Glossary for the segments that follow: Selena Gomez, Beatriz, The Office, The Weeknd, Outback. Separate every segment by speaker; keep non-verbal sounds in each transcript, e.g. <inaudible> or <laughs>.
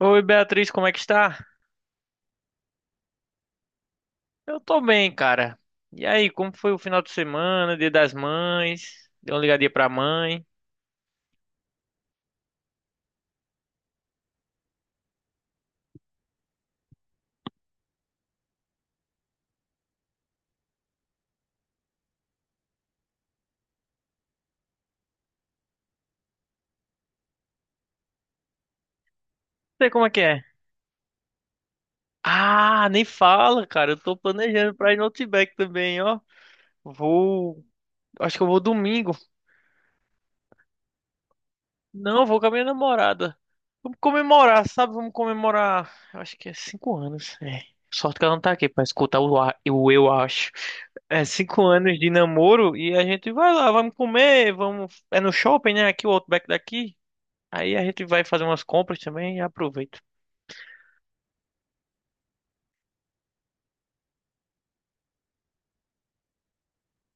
Speaker 1: Oi, Beatriz, como é que está? Eu tô bem, cara. E aí, como foi o final de semana, Dia das Mães? Deu uma ligadinha pra mãe? Não sei como é que é. Ah, nem fala, cara. Eu tô planejando pra ir no Outback também, ó. Vou. Acho que eu vou domingo. Não, vou com a minha namorada. Vamos comemorar, sabe? Vamos comemorar. Eu acho que é 5 anos. É. Sorte que ela não tá aqui pra escutar o eu acho. É cinco anos de namoro e a gente vai lá, vamos comer, vamos. É no shopping, né? Aqui o Outback daqui. Aí a gente vai fazer umas compras também e aproveita.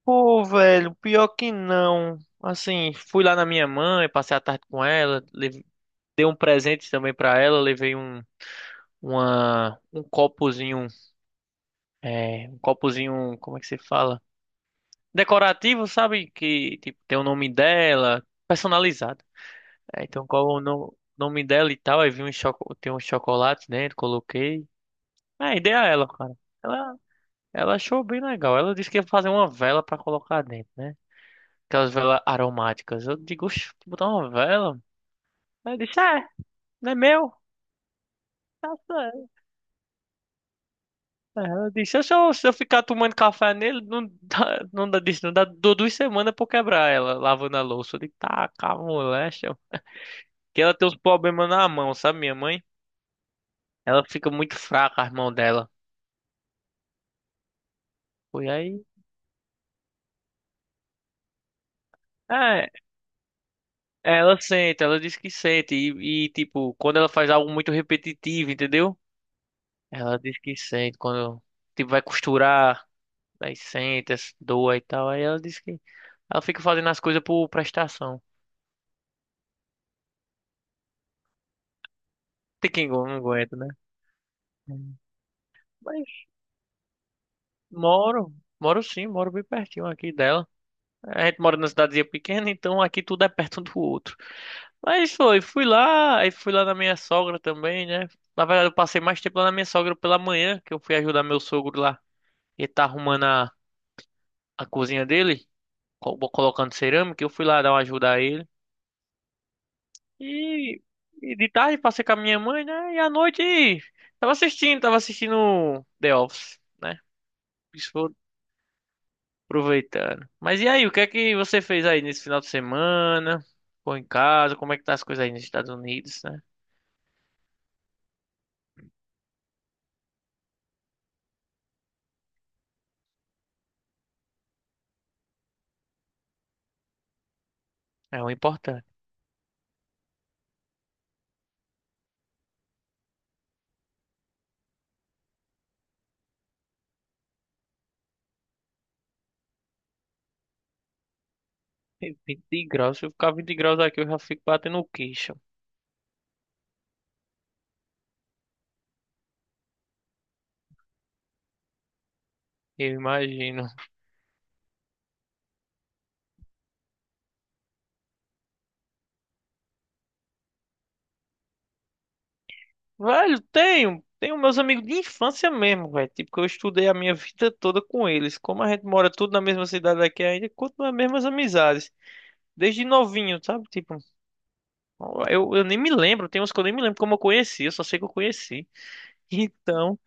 Speaker 1: Pô, velho, pior que não. Assim, fui lá na minha mãe, passei a tarde com ela, dei um presente também pra ela, levei um copozinho. É, um copozinho, como é que se fala? Decorativo, sabe? Que tipo, tem o nome dela, personalizado. É, então, qual é o nome dela e tal? Aí tem um chocolate dentro, coloquei. É, ideia a ela, cara. Ela, ela achou bem legal. Ela disse que ia fazer uma vela pra colocar dentro, né? Aquelas velas aromáticas. Eu digo, oxe, botar uma vela? Ela disse, é, não é meu. É, ela disse, se eu ficar tomando café nele, não dá, não dá, disse, não dá. Dou 2 semanas pra eu quebrar ela, lavando a louça. Eu digo, tá, calma, moléstia, que ela tem uns problemas na mão, sabe, minha mãe? Ela fica muito fraca, as mãos dela. Foi aí. É, ela sente, ela diz que sente. E, tipo, quando ela faz algo muito repetitivo, entendeu? Ela diz que sente. Quando, tipo, vai costurar, aí sente, essa dor e tal. Aí ela diz que ela fica fazendo as coisas por prestação. Tem quem não aguenta, né? Mas Moro, moro sim, moro bem pertinho aqui dela. A gente mora numa cidadezinha pequena, então aqui tudo é perto um do outro. Mas fui lá, aí fui lá na minha sogra também, né? Na verdade, eu passei mais tempo lá na minha sogra pela manhã, que eu fui ajudar meu sogro lá. Ele tá arrumando a cozinha dele, colocando cerâmica, eu fui lá dar uma ajuda a ele. E, e de tarde passei com a minha mãe, né? E à noite tava assistindo The Office, né? Isso foi Aproveitando. Mas e aí, o que é que você fez aí nesse final de semana? Ficou em casa? Como é que tá as coisas aí nos Estados Unidos, né? É o importante. <laughs> 20 graus, se eu ficar 20 graus aqui, eu já fico batendo o queixo. Eu imagino. Velho, tenho. Meus amigos de infância mesmo, velho. Tipo, que eu estudei a minha vida toda com eles. Como a gente mora tudo na mesma cidade aqui ainda, continua as mesmas amizades. Desde novinho, sabe? Tipo, eu nem me lembro. Tem uns que eu nem me lembro como eu conheci. Eu só sei que eu conheci. <laughs> Então.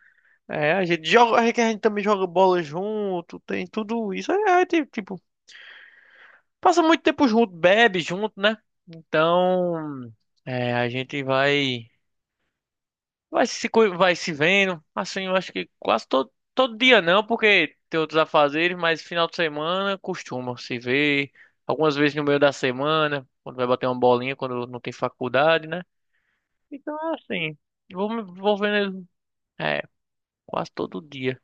Speaker 1: É, a gente joga, é que a gente também joga bola junto, tem tudo isso. Tipo, passa muito tempo junto, bebe junto, né? Então, a gente vai se vendo. Assim, eu acho que quase todo dia não, porque tem outros afazeres, mas final de semana costuma se ver algumas vezes no meio da semana, quando vai bater uma bolinha, quando não tem faculdade, né? Então, é assim, vou vendo ele, é, quase todo dia.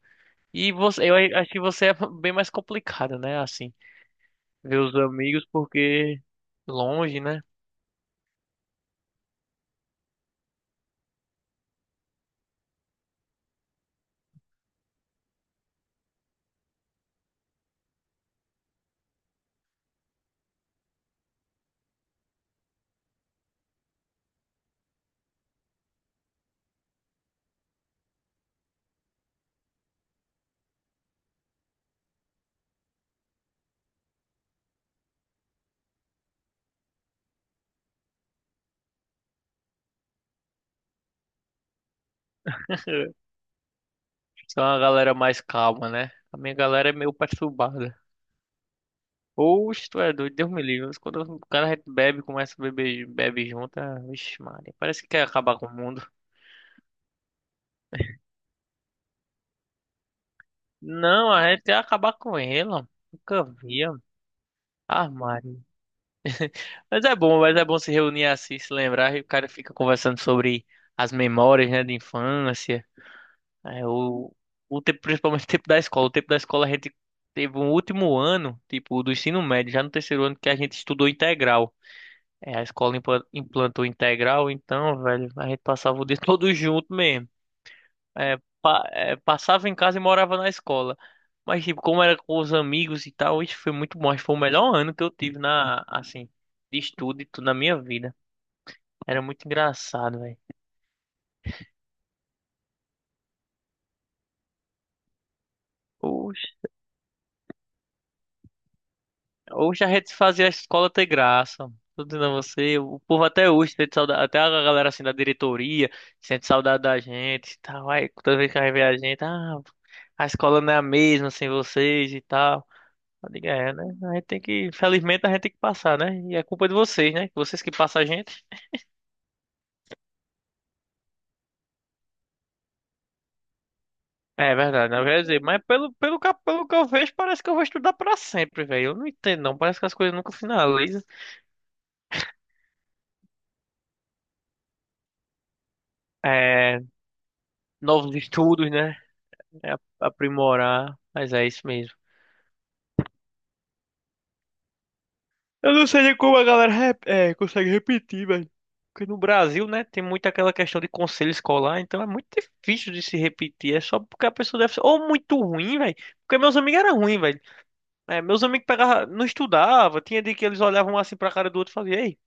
Speaker 1: E você, eu acho que você é <laughs> bem mais complicado, né? Assim, ver os amigos porque longe, né? <laughs> São uma galera mais calma, né? A minha galera é meio perturbada. Oxe, tu é doido, Deus me livre. Mas quando o cara bebe, começa a beber, bebe junto, ah, vixe, Maria, parece que quer acabar com o mundo. Não, a gente quer acabar com ele, ó. Nunca via. Ah, Maria. Mas é bom se reunir assim, se lembrar, e o cara fica conversando sobre as memórias, né, de infância. É, o tempo, principalmente o tempo da escola. O tempo da escola a gente teve um último ano, tipo, do ensino médio, já no terceiro ano que a gente estudou integral. É, a escola implantou integral, então, velho, a gente passava o dia <laughs> todo junto mesmo. É, passava em casa e morava na escola. Mas, tipo, como era com os amigos e tal, isso foi muito bom. Acho que foi o melhor ano que eu tive na, assim, de estudo e tudo na minha vida. Era muito engraçado, velho. Hoje a gente fazia a escola ter graça. Tô dizendo a você, o povo até hoje sente saudade, até a galera assim da diretoria sente saudade da gente e tal. Aí toda vez que vai a gente, ah, a escola não é a mesma sem vocês e tal. Eu digo, é, né? A gente tem que, felizmente a gente tem que passar, né? E é culpa de vocês, né? Vocês que passam a gente. É verdade, não quer dizer, mas pelo que eu vejo, parece que eu vou estudar pra sempre, velho. Eu não entendo, não. Parece que as coisas nunca finalizam. É, novos estudos, né? É aprimorar, mas é isso mesmo. Eu não sei nem como a galera consegue repetir, velho. Porque no Brasil, né, tem muito aquela questão de conselho escolar, então é muito difícil de se repetir. É só porque a pessoa deve ser ou muito ruim, velho. Porque meus amigos eram ruins, velho. É, meus amigos pegavam, não estudavam, tinha dia que eles olhavam um assim pra cara do outro e faziam, ei,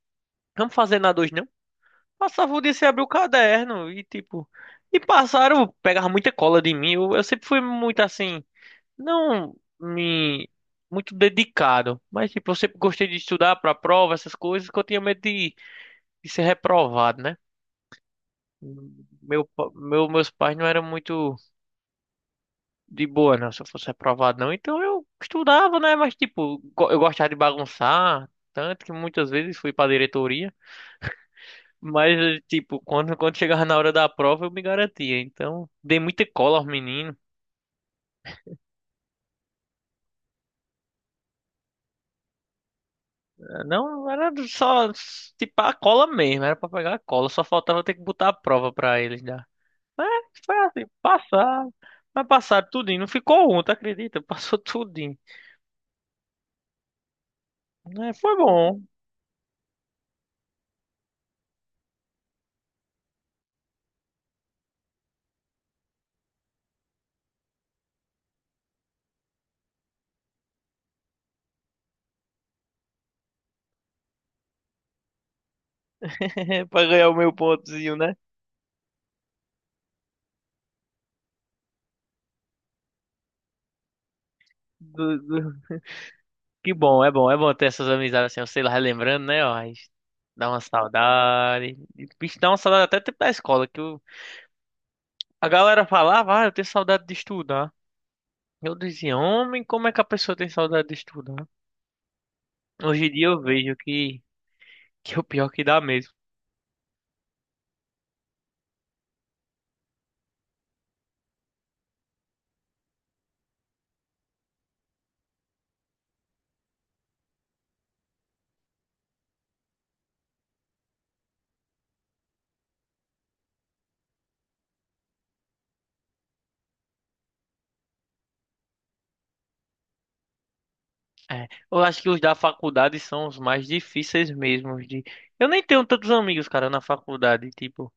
Speaker 1: vamos fazer nada hoje não? Passava o dia sem abrir o caderno e tipo. E passaram, pegava muita cola de mim. Eu sempre fui muito assim. Não me muito dedicado, mas tipo, eu sempre gostei de estudar para prova, essas coisas, que eu tinha medo de ser reprovado, né? Meus pais não eram muito de boa, não, se eu fosse reprovado, não. Então eu estudava, né? Mas tipo, eu gostava de bagunçar, tanto que muitas vezes fui para diretoria. Mas, tipo, quando chegava na hora da prova, eu me garantia. Então, dei muita cola aos meninos. Não, era só tipo a cola mesmo, era pra pegar a cola, só faltava ter que botar a prova pra eles dar. Mas foi assim, passar, mas passaram tudinho, não ficou um, tu acredita? <laughs> Passou tudinho. É, foi bom, <laughs> pra ganhar o meu pontozinho, né? Do- do- Que bom, é bom, é bom ter essas amizades assim, eu sei lá, relembrando, né? Ó, aí dá uma saudade. E, bicho, dá uma saudade até tempo da escola, que a galera falava, ah, eu tenho saudade de estudar. Eu dizia, homem, como é que a pessoa tem saudade de estudar? Hoje em dia eu vejo que é o pior que dá mesmo. É, eu acho que os da faculdade são os mais difíceis mesmo de. Eu nem tenho tantos amigos, cara, na faculdade, tipo,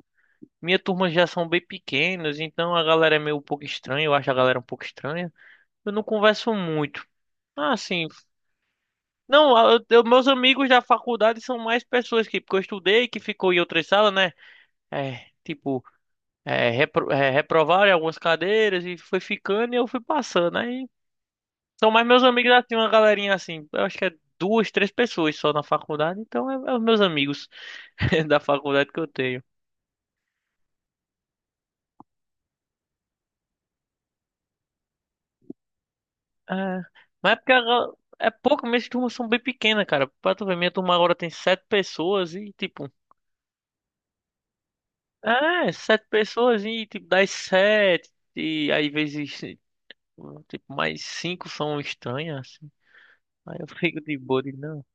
Speaker 1: minha turma já são bem pequenos, então a galera é meio um pouco estranha, eu acho a galera um pouco estranha. Eu não converso muito. Ah, sim. Não, meus amigos da faculdade são mais pessoas que, porque eu estudei, que ficou em outras salas, né? É, tipo, reprovaram em algumas cadeiras e foi ficando e eu fui passando. Aí são mais meus amigos assim, uma galerinha assim. Eu acho que é duas, três pessoas só na faculdade. Então é os meus amigos <laughs> da faculdade que eu tenho. É, mas é porque é pouco, minhas turmas são bem pequenas, cara. Pra tu ver, minha turma agora tem sete pessoas e tipo. É, sete pessoas e tipo, das sete. E aí vezes tipo, mais cinco são estranhas, assim. Aí eu <laughs> fico de boa, de não.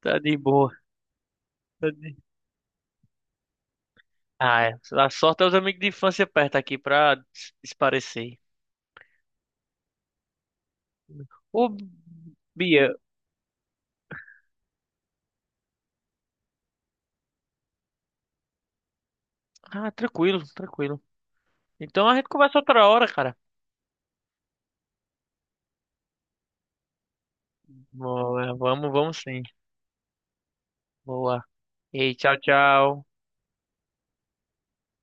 Speaker 1: Tá de boa. Tá de... Ah, é. A sorte é os amigos de infância perto aqui pra desaparecer. Ô, Bia, ah, tranquilo, tranquilo. Então a gente conversa outra hora, cara. Boa, vamos, vamos sim. Boa. Ei, tchau, tchau.